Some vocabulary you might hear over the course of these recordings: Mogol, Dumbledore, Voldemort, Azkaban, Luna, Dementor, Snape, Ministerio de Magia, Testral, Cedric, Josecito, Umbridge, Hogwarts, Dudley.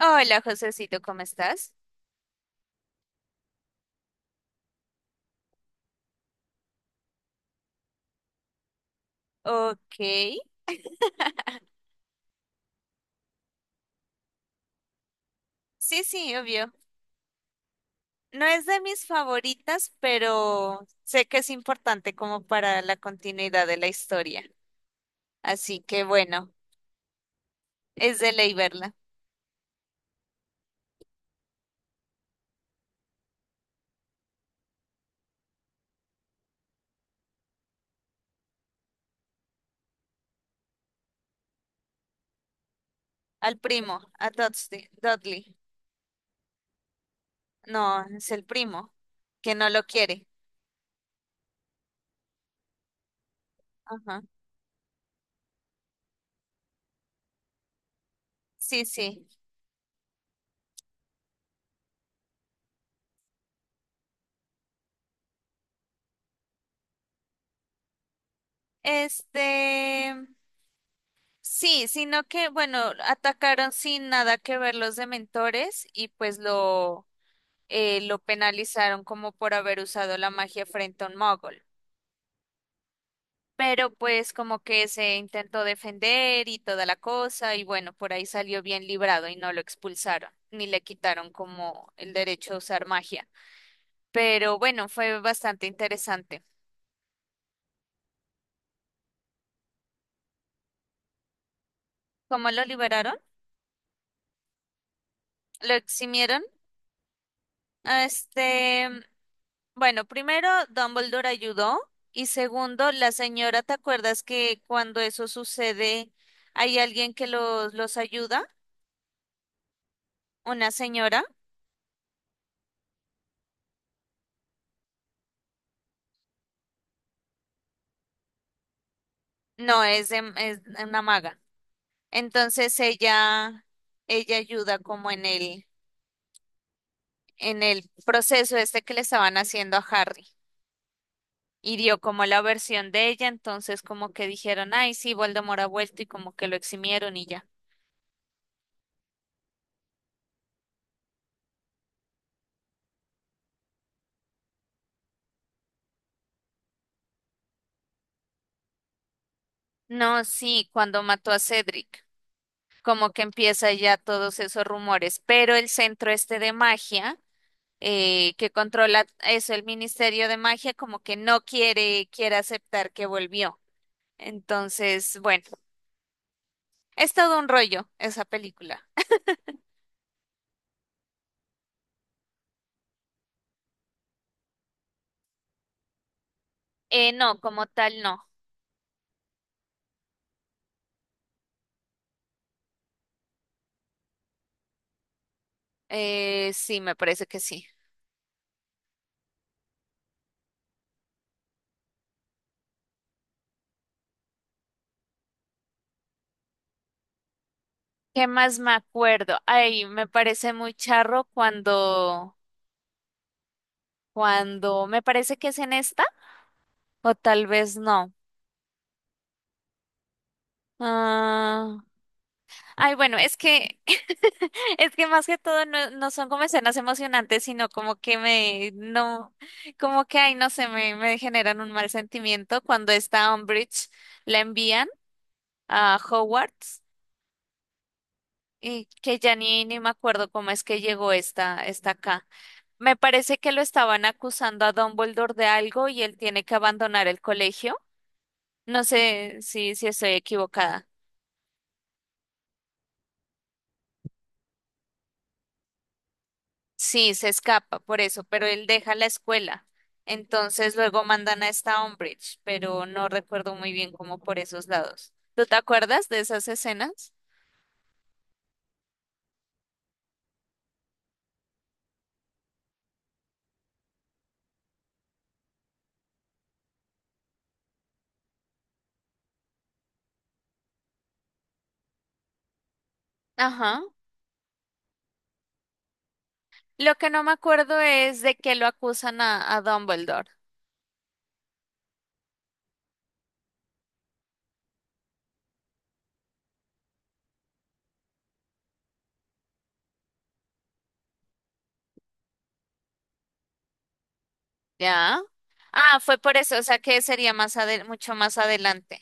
Hola, Josecito, ¿cómo estás? Ok. Sí, sí, obvio. No es de mis favoritas, pero sé que es importante como para la continuidad de la historia. Así que bueno, es de ley verla. Al primo, a Dudley. Dudley. No, es el primo, que no lo quiere. Ajá. Sí, sí. Este, sí, sino que, bueno, atacaron sin nada que ver los dementores y pues lo penalizaron como por haber usado la magia frente a un mogol. Pero pues como que se intentó defender y toda la cosa y bueno, por ahí salió bien librado y no lo expulsaron ni le quitaron como el derecho a usar magia. Pero bueno, fue bastante interesante. ¿Cómo lo liberaron? Lo eximieron. a Este, bueno, primero Dumbledore ayudó y segundo, la señora, ¿te acuerdas que cuando eso sucede hay alguien que los ayuda? Una señora, no, es una maga. Entonces ella, ella ayuda como en en el proceso este que le estaban haciendo a Harry. Y dio como la versión de ella, entonces como que dijeron, ay, sí, Voldemort ha vuelto y como que lo eximieron y ya. No, sí, cuando mató a Cedric, como que empieza ya todos esos rumores, pero el centro este de magia, que controla eso, el Ministerio de Magia, como que no quiere aceptar que volvió. Entonces, bueno, es todo un rollo esa película. No, como tal, no. Sí, me parece que sí. ¿Qué más me acuerdo? Ay, me parece muy charro me parece que es en esta, o tal vez no. Ah, ay, bueno, es que, es que más que todo no, no son como escenas emocionantes, sino como que no, como que, ay, no sé, me generan un mal sentimiento cuando esta Umbridge la envían a Hogwarts y que ya ni me acuerdo cómo es que llegó esta acá. Me parece que lo estaban acusando a Dumbledore de algo y él tiene que abandonar el colegio. No sé si estoy equivocada. Sí, se escapa por eso, pero él deja la escuela. Entonces luego mandan a esta Umbridge, pero no recuerdo muy bien cómo por esos lados. ¿Tú te acuerdas de esas escenas? Ajá. Lo que no me acuerdo es de que lo acusan a Dumbledore. Ya. Ah, fue por eso, o sea que sería mucho más adelante.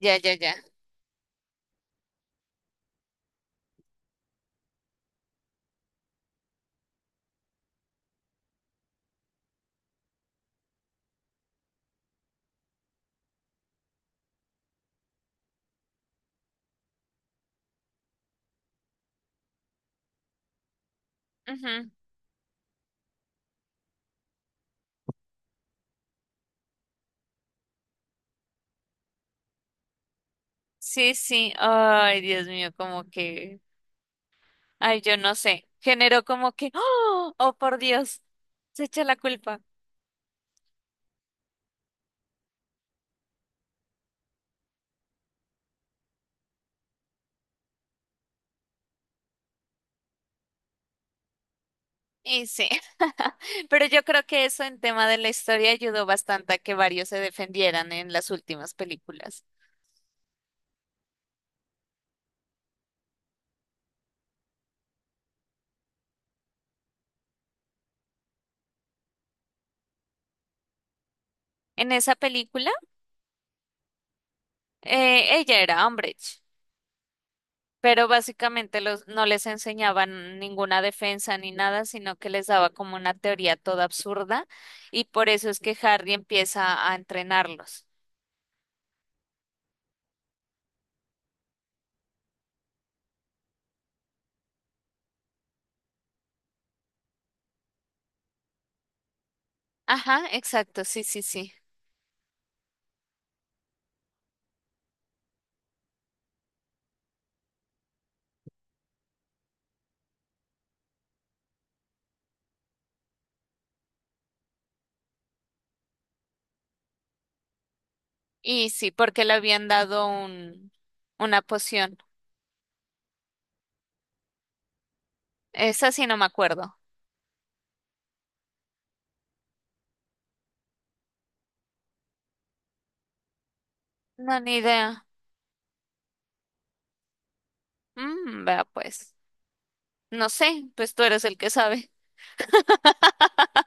Ya, ya, ya. Ujú. Sí, sí. Ay, Dios mío, como que. Ay, yo no sé. Generó como que. ¡Oh! ¡Oh, por Dios! Se echa la culpa. Y sí. Pero yo creo que eso en tema de la historia ayudó bastante a que varios se defendieran en las últimas películas. En esa película, ella era Umbridge, pero básicamente los, no les enseñaban ninguna defensa ni nada, sino que les daba como una teoría toda absurda y por eso es que Harry empieza a entrenarlos. Ajá, exacto, sí, sí, sí. Y sí, porque le habían dado una poción. Esa sí no me acuerdo. No, ni idea. Mm, vea pues. No sé, pues tú eres el que sabe.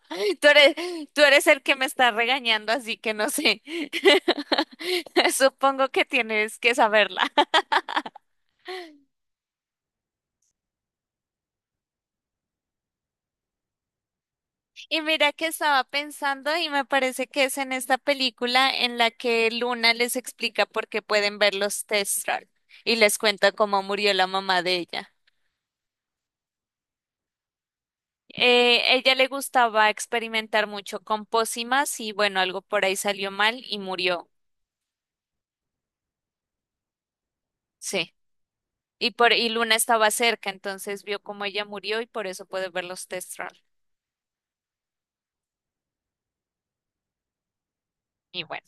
Tú eres, tú eres el que me está regañando, así que no sé. Supongo que tienes que saberla. Y mira que estaba pensando y me parece que es en esta película en la que Luna les explica por qué pueden ver los Testral y les cuenta cómo murió la mamá de ella. Ella le gustaba experimentar mucho con pócimas y bueno, algo por ahí salió mal y murió. Sí. Y Luna estaba cerca, entonces vio cómo ella murió y por eso puede ver los Testral. Y bueno.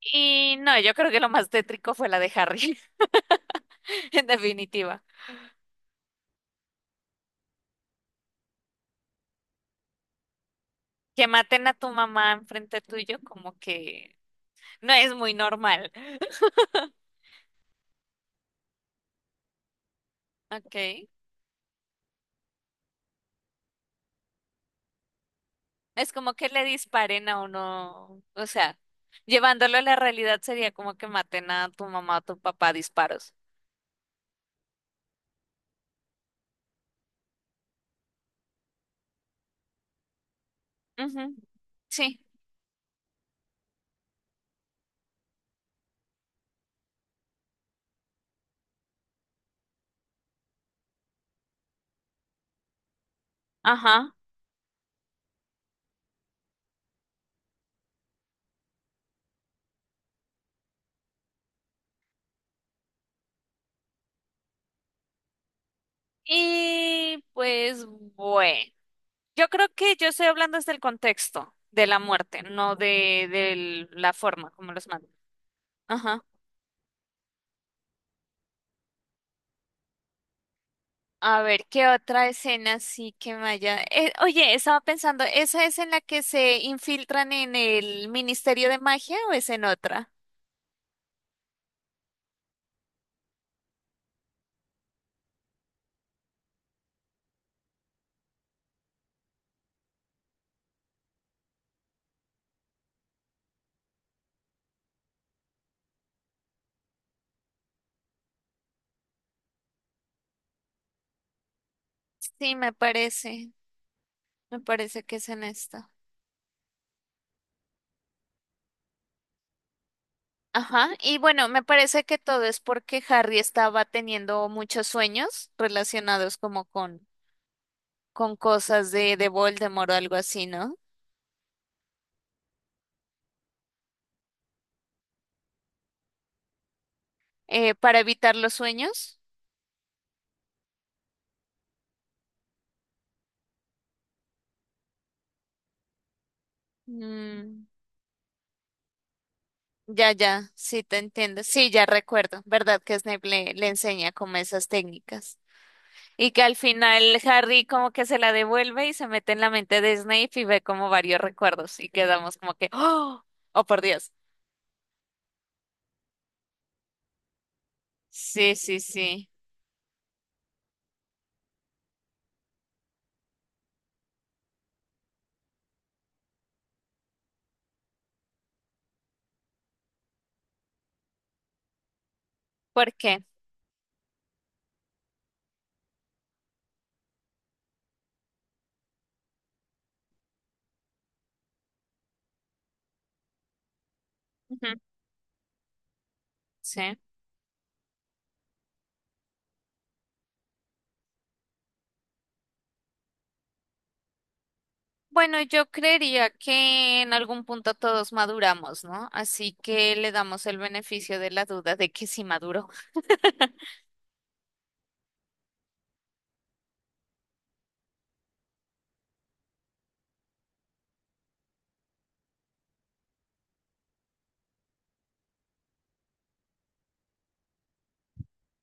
Y no, yo creo que lo más tétrico fue la de Harry, en definitiva. Que maten a tu mamá enfrente tuyo, como que no es muy normal. Okay. Es como que le disparen a uno, o sea, llevándolo a la realidad sería como que maten a tu mamá o tu papá a disparos. Ujú, sí, ajá. Y pues bueno, yo creo que yo estoy hablando desde el contexto de la muerte, no de la forma como los matan. Ajá. A ver, ¿qué otra escena sí que me haya... oye, estaba pensando, ¿esa es en la que se infiltran en el Ministerio de Magia o es en otra? Sí, me parece, me parece que es en esta. Ajá, y bueno, me parece que todo es porque Harry estaba teniendo muchos sueños relacionados como con cosas de Voldemort o algo así, ¿no? Para evitar los sueños. Mm, ya, ya, sí te entiendo. Sí, ya recuerdo, ¿verdad? Que Snape le enseña como esas técnicas. Y que al final Harry como que se la devuelve y se mete en la mente de Snape y ve como varios recuerdos y quedamos como que, ¡oh! ¡Oh, por Dios! Sí, sí, sí. ¿Por qué? Ujú, sí. Bueno, yo creería que en algún punto todos maduramos, ¿no? Así que le damos el beneficio de la duda de que sí maduró.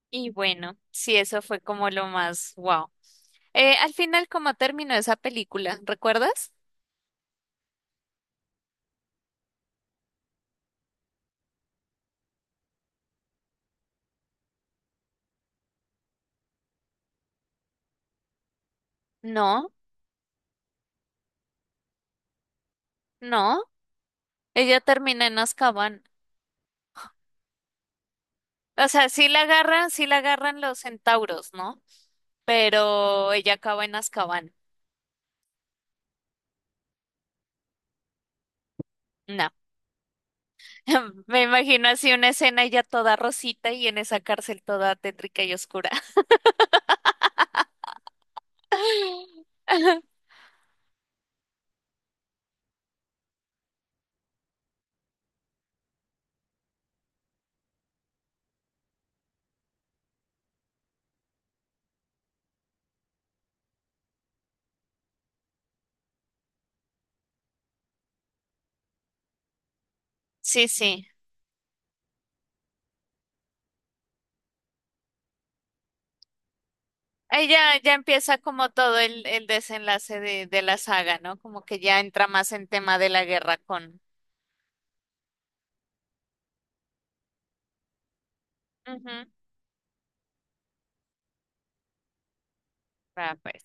Y bueno, sí, eso fue como lo más wow. Al final, ¿cómo terminó esa película? ¿Recuerdas? No, no. Ella termina en Azkaban. O sea, sí la agarran los centauros, ¿no? Pero ella acaba en Azkaban. No. Me imagino así una escena ella toda rosita y en esa cárcel toda tétrica y oscura. Sí, sí. Ahí ya, ya empieza como todo el desenlace de la saga, ¿no? Como que ya entra más en tema de la guerra con... Ujú. Ah, pues.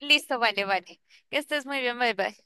Listo, vale, vale. Que estés muy bien, bye bye.